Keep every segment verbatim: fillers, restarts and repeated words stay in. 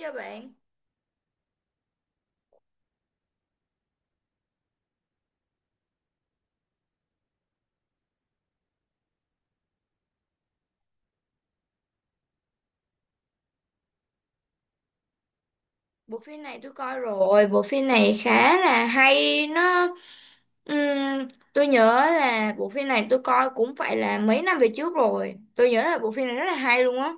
Dạ bạn, bộ phim này tôi coi rồi, bộ phim này khá là hay, nó ừm, tôi nhớ là bộ phim này tôi coi cũng phải là mấy năm về trước rồi. Tôi nhớ là bộ phim này rất là hay luôn á.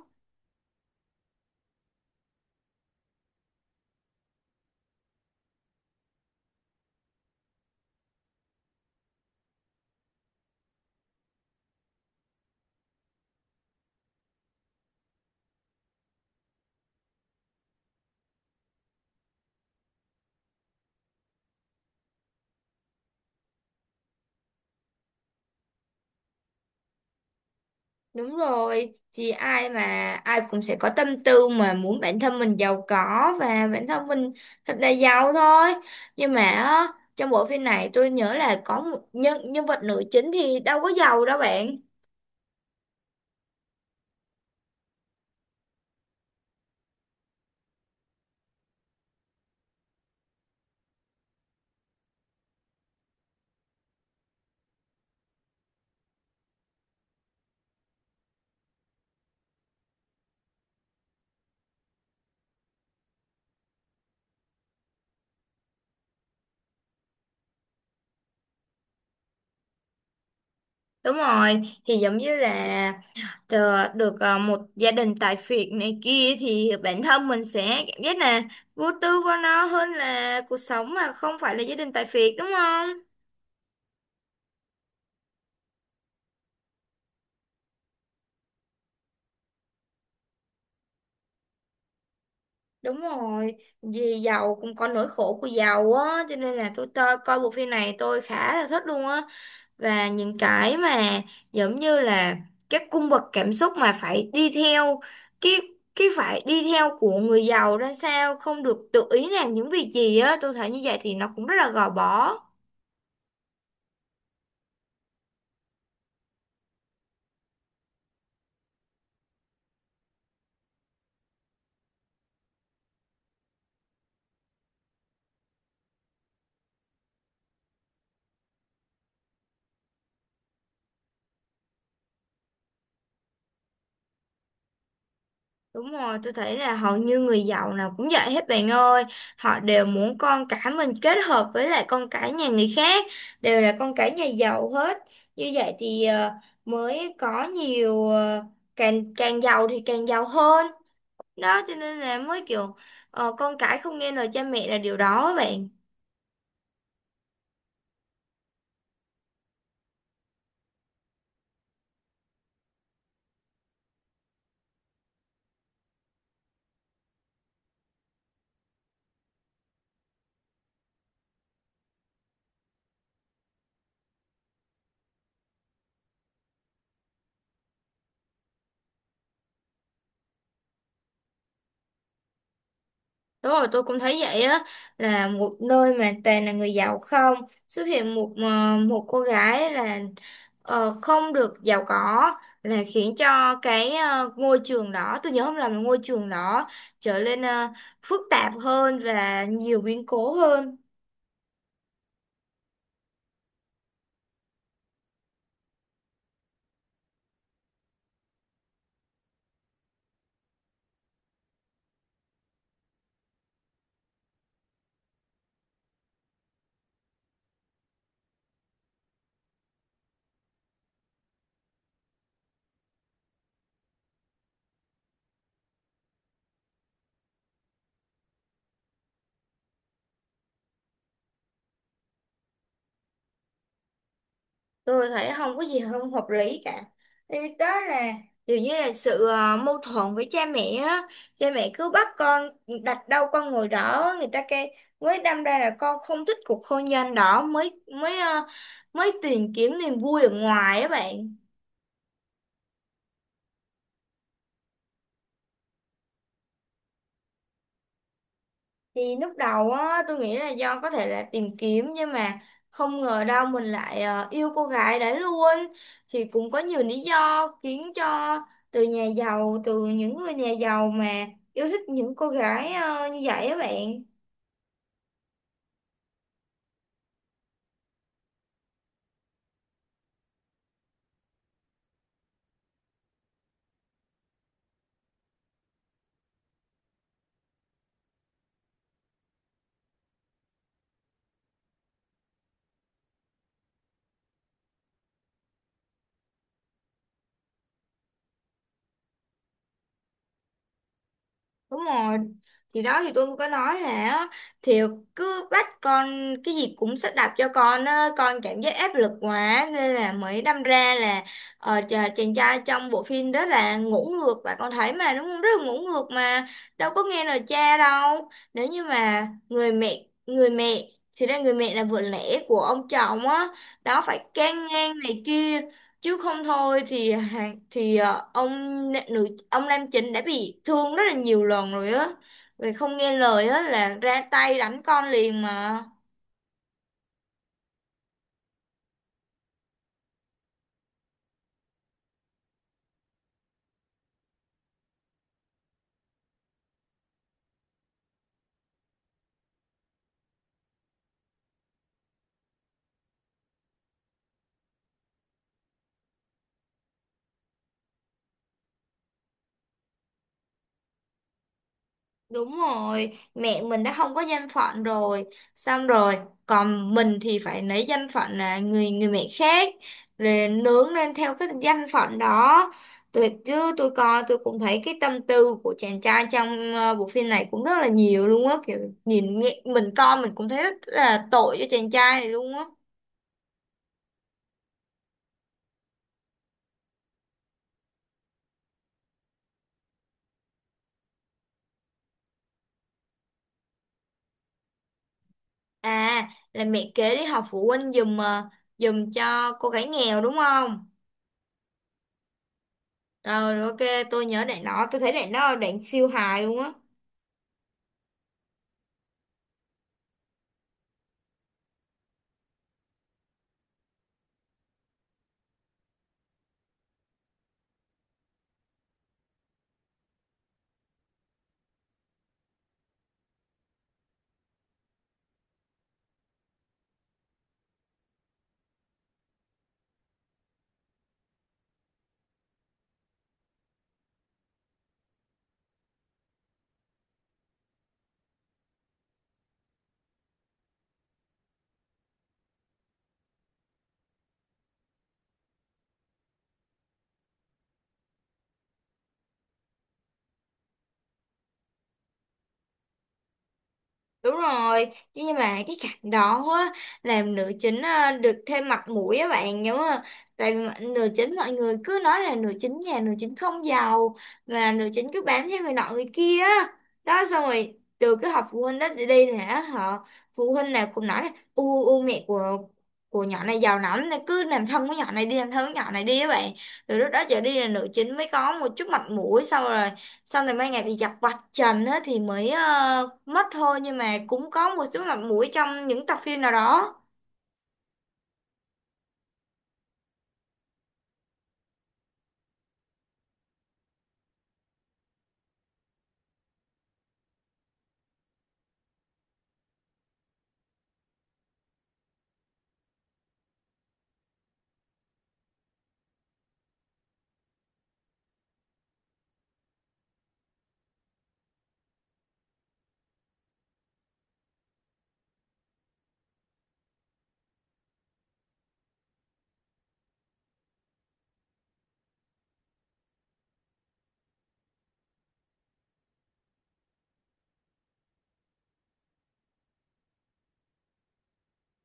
Đúng rồi, thì ai mà ai cũng sẽ có tâm tư mà muốn bản thân mình giàu có và bản thân mình thật là giàu thôi. Nhưng mà á, trong bộ phim này tôi nhớ là có một nhân nhân vật nữ chính thì đâu có giàu đâu bạn. Đúng rồi, thì giống như là Tờ- được ờ, một gia đình tại phiệt này kia thì bản thân mình sẽ cảm giác là vô tư vô nó hơn là cuộc sống mà không phải là gia đình tại phiệt đúng không? Đúng rồi, vì giàu cũng có nỗi khổ của giàu á, cho nên là tôi coi, coi bộ phim này tôi khá là thích luôn á. Và những cái mà giống như là các cung bậc cảm xúc mà phải đi theo cái cái phải đi theo của người giàu ra sao, không được tự ý làm những việc gì á, tôi thấy như vậy thì nó cũng rất là gò bó. Đúng rồi, tôi thấy là hầu như người giàu nào cũng vậy hết bạn ơi. Họ đều muốn con cái mình kết hợp với lại con cái nhà người khác, đều là con cái nhà giàu hết. Như vậy thì ờ, mới có nhiều ờ, càng càng giàu thì càng giàu hơn. Đó cho nên là mới kiểu ờ, con cái không nghe lời cha mẹ là điều đó á bạn. Đúng rồi, tôi cũng thấy vậy á, là một nơi mà toàn là người giàu không, xuất hiện một ờ, một cô gái là ờ, không được giàu có, là khiến cho cái ờ, ngôi trường đó, tôi nhớ không lầm là ngôi trường đó trở nên ờ, phức tạp hơn và nhiều biến cố hơn. Tôi thấy không có gì không hợp lý cả. Thì đó là kiểu như là sự ờ, mâu thuẫn với cha mẹ á, cha mẹ cứ bắt con đặt đâu con ngồi đó người ta kêu, mới đâm ra là con không thích cuộc hôn nhân đó, mới mới ờ, mới tìm kiếm niềm vui ở ngoài á bạn. Thì lúc đầu á, tôi nghĩ là do có thể là tìm kiếm, nhưng mà không ngờ đâu mình lại ờ, yêu cô gái đấy luôn. Thì cũng có nhiều lý do khiến cho từ nhà giàu, từ những người nhà giàu mà yêu thích những cô gái ờ, như vậy á bạn. Đúng rồi. Thì đó thì tôi cũng có nói là thì cứ bắt con cái gì cũng sắp đặt cho con á, con cảm giác áp lực quá nên là mới đâm ra là ờ, chà- chàng trai trong bộ phim đó là ngủ ngược bạn con thấy mà đúng không? Rất là ngủ ngược mà đâu có nghe lời cha đâu. Nếu như mà người mẹ người mẹ thì ra người mẹ là vợ lẽ của ông chồng á, đó phải can ngang này kia, chứ không thôi thì hàng- thì ờ, ông na- nữ ông nam chính đã bị thương rất là nhiều lần rồi á, vì không nghe lời á là ra tay đánh con liền mà. Đúng rồi, mẹ mình đã không có danh phận rồi, xong rồi, còn mình thì phải lấy danh phận là người người mẹ khác, rồi nướng lên theo cái danh phận đó. Tôi chứ tôi coi tôi cũng thấy cái tâm tư của chàng trai trong ờ, bộ phim này cũng rất là nhiều luôn á, kiểu nhìn mẹ- mình coi mình cũng thấy rất là tội cho chàng trai này luôn á. À, là mẹ kế đi học phụ huynh giùm ờ, giùm cho cô gái nghèo đúng không? Ờ, rồi ok, tôi nhớ đoạn đó, tôi thấy đoạn đó là đoạn siêu hài luôn á. Đúng rồi, chứ nhưng mà cái cạnh đó á, làm nữ chính à, được thêm mặt mũi á bạn nhớ không? Tại vì mà nữ chính mọi người cứ nói là nữ chính nhà nữ chính không giàu, mà nữ chính cứ bám theo người nọ người kia á. Đó xong rồi từ cái họp phụ huynh đó đi đi là họ, phụ huynh nào cũng nói là u u mẹ của của nhỏ này giàu lắm nên cứ làm thân với nhỏ này đi, làm thân với nhỏ này đi á bạn. Từ lúc đó trở đi là nữ chính mới có một chút mặt mũi, xong rồi xong rồi mấy ngày thì giặt vạch trần á thì mới ờ, mất thôi, nhưng mà cũng có một số mặt mũi trong những tập phim nào đó.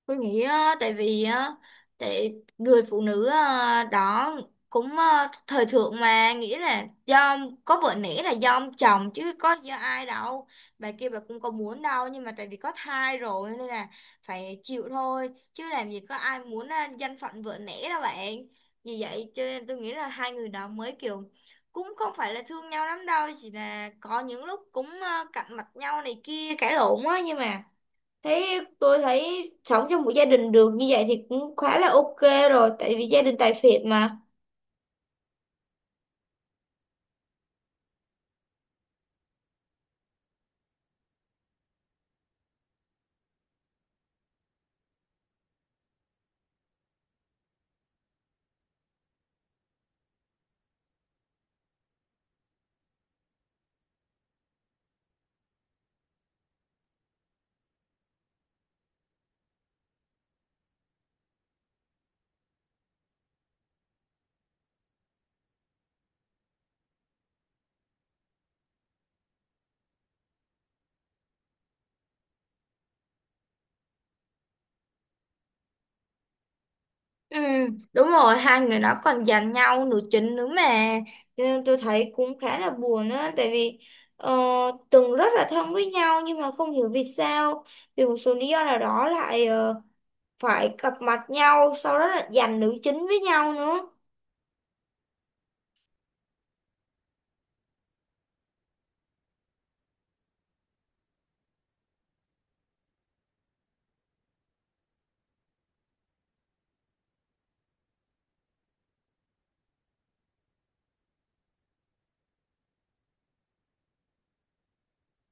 Tôi nghĩ á, tại vì á, tại người phụ nữ à, đó cũng à, thời thượng mà nghĩ là do có vợ nể là do ông chồng chứ có do ai đâu, bà kia bà cũng có muốn đâu nhưng mà tại vì có thai rồi nên là phải chịu thôi, chứ làm gì có ai muốn à, danh phận vợ nể đâu bạn. Vì vậy cho nên tôi nghĩ là hai người đó mới kiểu cũng không phải là thương nhau lắm đâu, chỉ là có những lúc cũng à, cạnh mặt nhau này kia cãi lộn á, nhưng mà thấy tôi thấy sống trong một gia đình được như vậy thì cũng khá là ok rồi, tại vì gia đình tài phiệt mà. Ừ, đúng rồi, hai người đó còn giành nhau nữ chính nữa mà. Cho nên tôi thấy cũng khá là buồn á, tại vì ờ, từng rất là thân với nhau nhưng mà không hiểu vì sao, vì một số lý do nào đó lại ờ, phải gặp mặt nhau, sau đó là giành nữ chính với nhau nữa.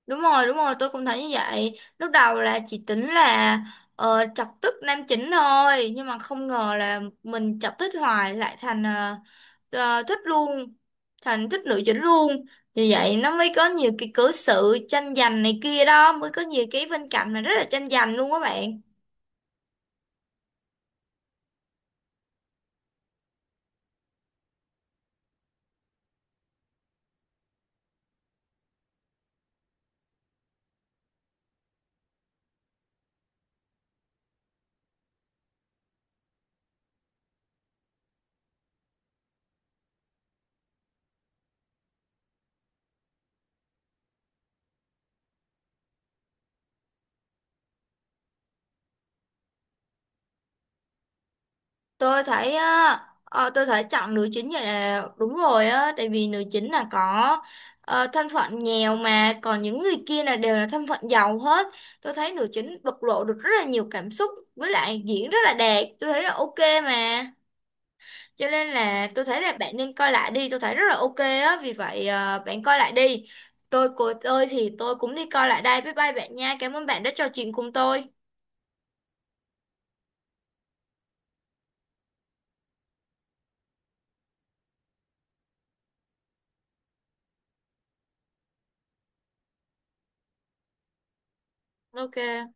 Đúng rồi, đúng rồi, tôi cũng thấy như vậy. Lúc đầu là chỉ tính là ờ, chọc tức nam chính thôi, nhưng mà không ngờ là mình chọc thích hoài lại thành ờ, ờ, thích luôn, thành thích nữ chính luôn. Vì vậy nó mới có nhiều cái cớ sự tranh giành này kia đó, mới có nhiều cái phân cảnh mà rất là tranh giành luôn các bạn. Tôi thấy á, ờ, tôi thấy chọn nữ chính vậy là đúng rồi á, tại vì nữ chính là có ờ, thân phận nghèo, mà còn những người kia là đều là thân phận giàu hết. Tôi thấy nữ chính bộc lộ được rất là nhiều cảm xúc, với lại diễn rất là đẹp, tôi thấy là ok mà, cho nên là tôi thấy là bạn nên coi lại đi, tôi thấy rất là ok á, vì vậy ờ, bạn coi lại đi. Tôi của tôi thì tôi cũng đi coi lại đây, bye bye bạn nha, cảm ơn bạn đã trò chuyện cùng tôi. Ok.